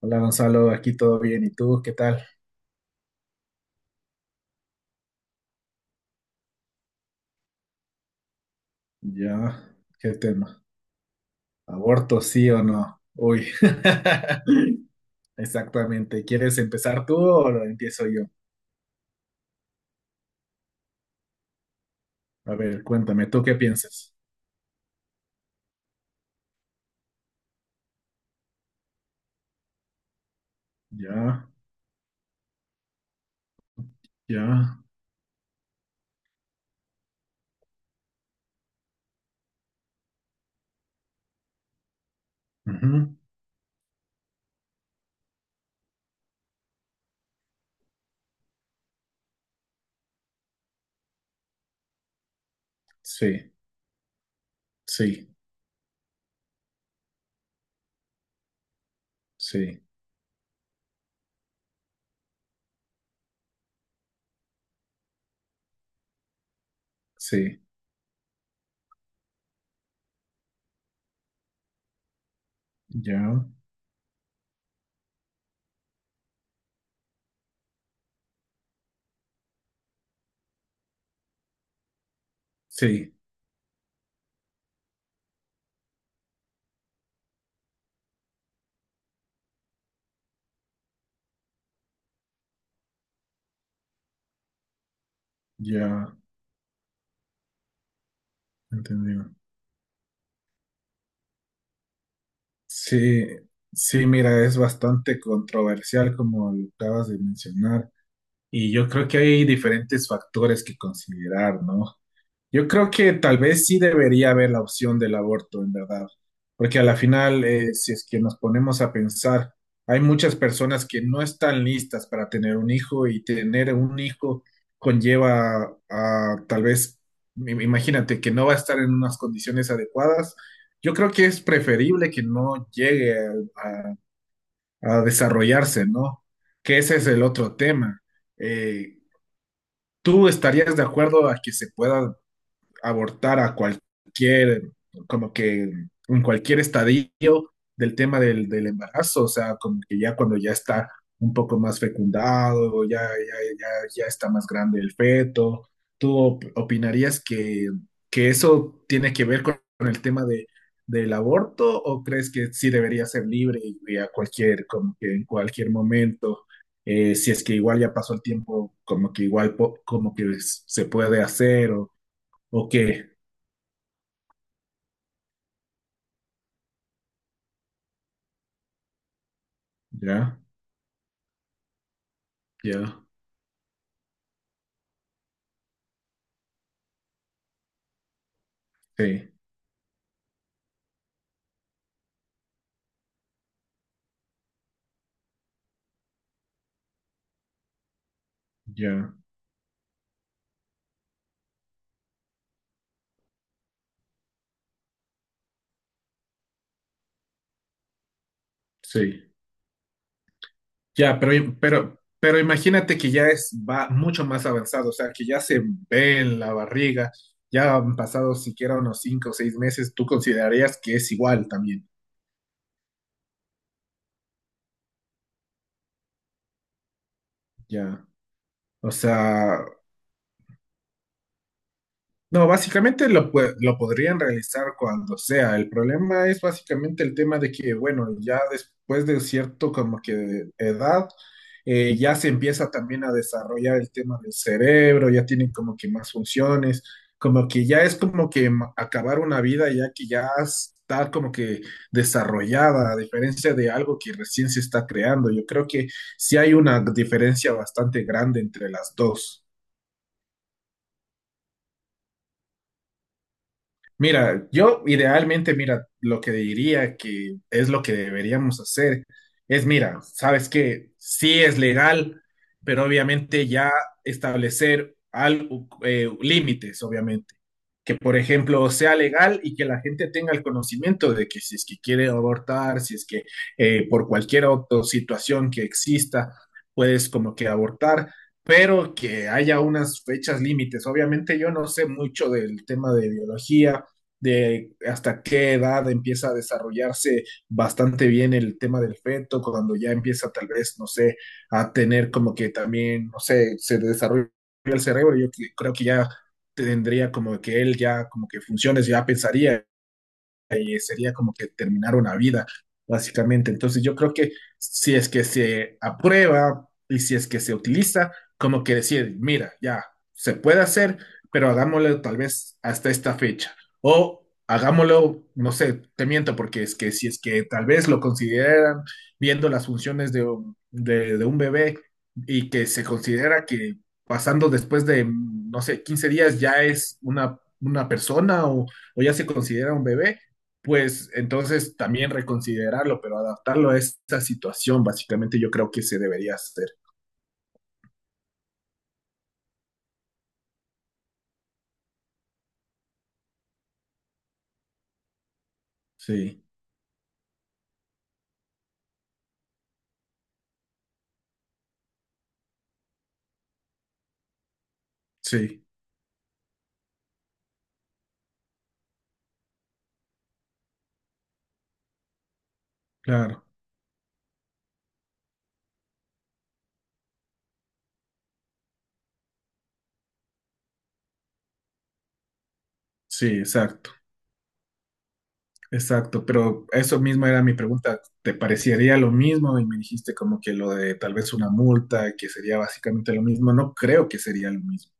Hola Gonzalo, aquí todo bien. ¿Y tú qué tal? Ya, ¿qué tema? ¿Aborto sí o no? Uy, exactamente. ¿Quieres empezar tú o lo empiezo yo? A ver, cuéntame, ¿tú qué piensas? Ya, ya, ujú, sí, sí, sí, sí, ya, sí, ya, entendido. Sí, sí, mira, es bastante controversial como lo acabas de mencionar. Y yo creo que hay diferentes factores que considerar, ¿no? Yo creo que tal vez sí debería haber la opción del aborto, en verdad, porque a la final, si es que nos ponemos a pensar, hay muchas personas que no están listas para tener un hijo, y tener un hijo conlleva a tal vez, imagínate, que no va a estar en unas condiciones adecuadas. Yo creo que es preferible que no llegue a, a- a desarrollarse, ¿no? Que ese es el otro tema. Eh, ¿Tú estarías de acuerdo a que se pueda abortar a cualquier, como que en cualquier estadio del tema del embarazo? O sea, como que ya cuando ya está un poco más fecundado, ya, ya está más grande el feto. ¿Tú opinarías que eso tiene que ver con el tema de, del aborto, o crees que sí debería ser libre y a cualquier, como que en cualquier momento, si es que igual ya pasó el tiempo, como que igual como que se puede hacer o qué? Ya, ya, sí, ya, sí. Ya, pero, pero imagínate que ya es va mucho más avanzado, o sea, que ya se ve en la barriga, ya han pasado siquiera unos 5 o 6 meses, tú considerarías que es igual también, ya. O sea, no, básicamente lo, lo podrían realizar cuando sea. El problema es básicamente el tema de que, bueno, ya después de cierto como que edad, ya se empieza también a desarrollar el tema del cerebro, ya tienen como que más funciones, como que ya es como que acabar una vida ya que ya está como que desarrollada, a diferencia de algo que recién se está creando. Yo creo que sí hay una diferencia bastante grande entre las dos. Mira, yo idealmente, mira, lo que diría que es lo que deberíamos hacer es, mira, sabes que sí es legal, pero obviamente ya establecer algo, límites, obviamente. Que, por ejemplo, sea legal y que la gente tenga el conocimiento de que si es que quiere abortar, si es que por cualquier otra situación que exista, puedes como que abortar pero que haya unas fechas límites. Obviamente yo no sé mucho del tema de biología, de hasta qué edad empieza a desarrollarse bastante bien el tema del feto, cuando ya empieza tal vez, no sé, a tener como que también, no sé, se desarrolla el cerebro, yo creo que ya tendría como que él ya como que funciones, ya pensaría y sería como que terminar una vida, básicamente. Entonces yo creo que si es que se aprueba y si es que se utiliza, como que decir, mira, ya, se puede hacer, pero hagámoslo tal vez hasta esta fecha. O hagámoslo, no sé, te miento, porque es que si es que tal vez lo consideran viendo las funciones de, de un bebé, y que se considera que pasando después de, no sé, 15 días ya es una persona, o ya se considera un bebé, pues entonces también reconsiderarlo, pero adaptarlo a esta situación, básicamente yo creo que se debería hacer. Sí, sí, claro, sí, exacto, exacto. Pero eso mismo era mi pregunta, ¿te parecería lo mismo? Y me dijiste como que lo de tal vez una multa, que sería básicamente lo mismo. No creo que sería lo mismo.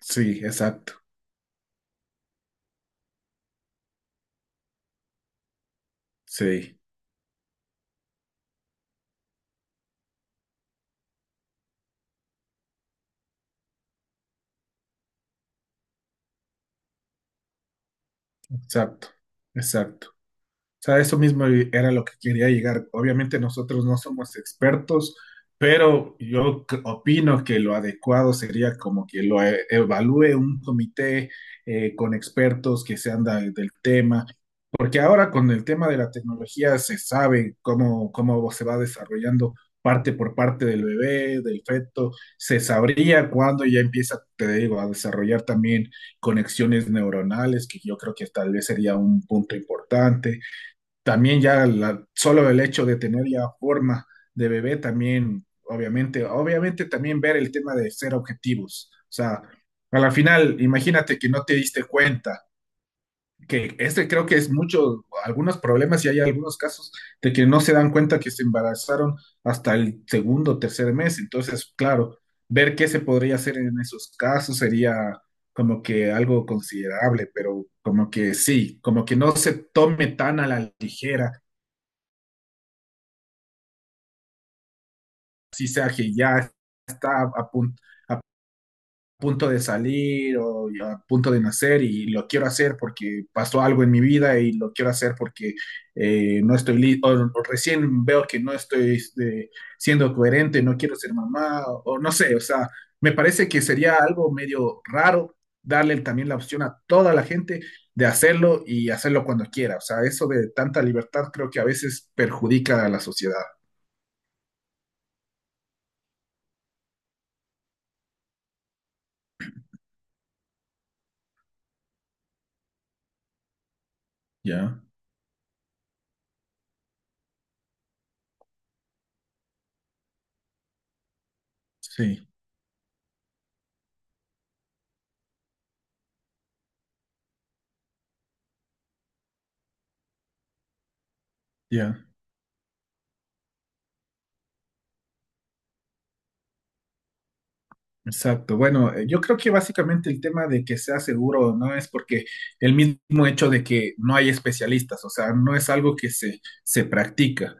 Sí, exacto, sí, exacto, exacto. O sea, eso mismo era lo que quería llegar. Obviamente nosotros no somos expertos, pero yo opino que lo adecuado sería como que lo evalúe un comité con expertos que sean del tema, porque ahora con el tema de la tecnología se sabe cómo, cómo se va desarrollando parte por parte del bebé, del feto, se sabría cuándo ya empieza, te digo, a desarrollar también conexiones neuronales, que yo creo que tal vez sería un punto importante, también ya solo el hecho de tener ya forma de bebé también, obviamente, obviamente también ver el tema de ser objetivos. O sea, a la final, imagínate que no te diste cuenta, que este creo que es mucho, algunos problemas y hay algunos casos de que no se dan cuenta que se embarazaron hasta el segundo o tercer mes. Entonces, claro, ver qué se podría hacer en esos casos sería como que algo considerable, pero como que sí, como que no se tome tan a la ligera si sea que ya está a, punto a punto de salir o a punto de nacer y lo quiero hacer porque pasó algo en mi vida y lo quiero hacer porque no estoy listo, o recién veo que no estoy siendo coherente, no quiero ser mamá, o no sé, o sea, me parece que sería algo medio raro darle también la opción a toda la gente de hacerlo y hacerlo cuando quiera, o sea, eso de tanta libertad creo que a veces perjudica a la sociedad, ¿ya? Sí, ya. Exacto. Bueno, yo creo que básicamente el tema de que sea seguro no es porque el mismo hecho de que no hay especialistas, o sea, no es algo que se practica.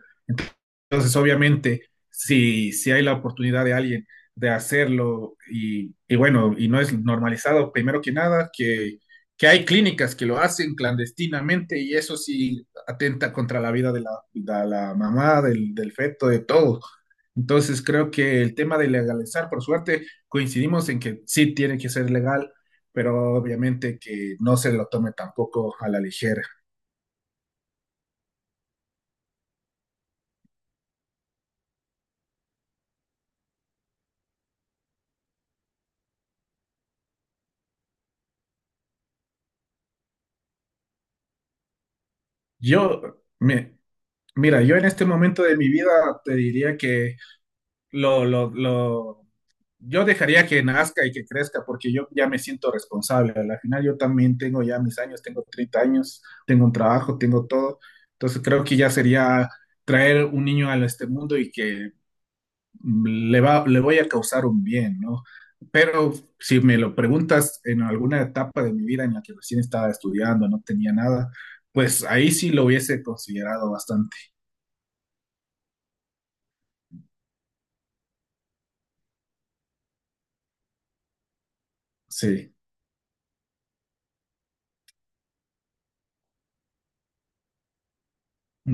Entonces, obviamente, si hay la oportunidad de alguien de hacerlo y bueno, y no es normalizado, primero que nada, que hay clínicas que lo hacen clandestinamente y eso sí atenta contra la vida de la mamá, del feto, de todo. Entonces, creo que el tema de legalizar, por suerte, coincidimos en que sí tiene que ser legal, pero obviamente que no se lo tome tampoco a la ligera. Yo, me, mira, yo en este momento de mi vida te diría que lo, lo, lo, yo dejaría que nazca y que crezca porque yo ya me siento responsable. Al final yo también tengo ya mis años, tengo 30 años, tengo un trabajo, tengo todo. Entonces creo que ya sería traer un niño a este mundo y que le va, le voy a causar un bien, ¿no? Pero si me lo preguntas en alguna etapa de mi vida en la que recién estaba estudiando, no tenía nada, pues ahí sí lo hubiese considerado bastante. Sí.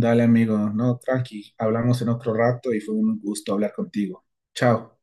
Dale, amigo, no, tranqui, hablamos en otro rato y fue un gusto hablar contigo. Chao.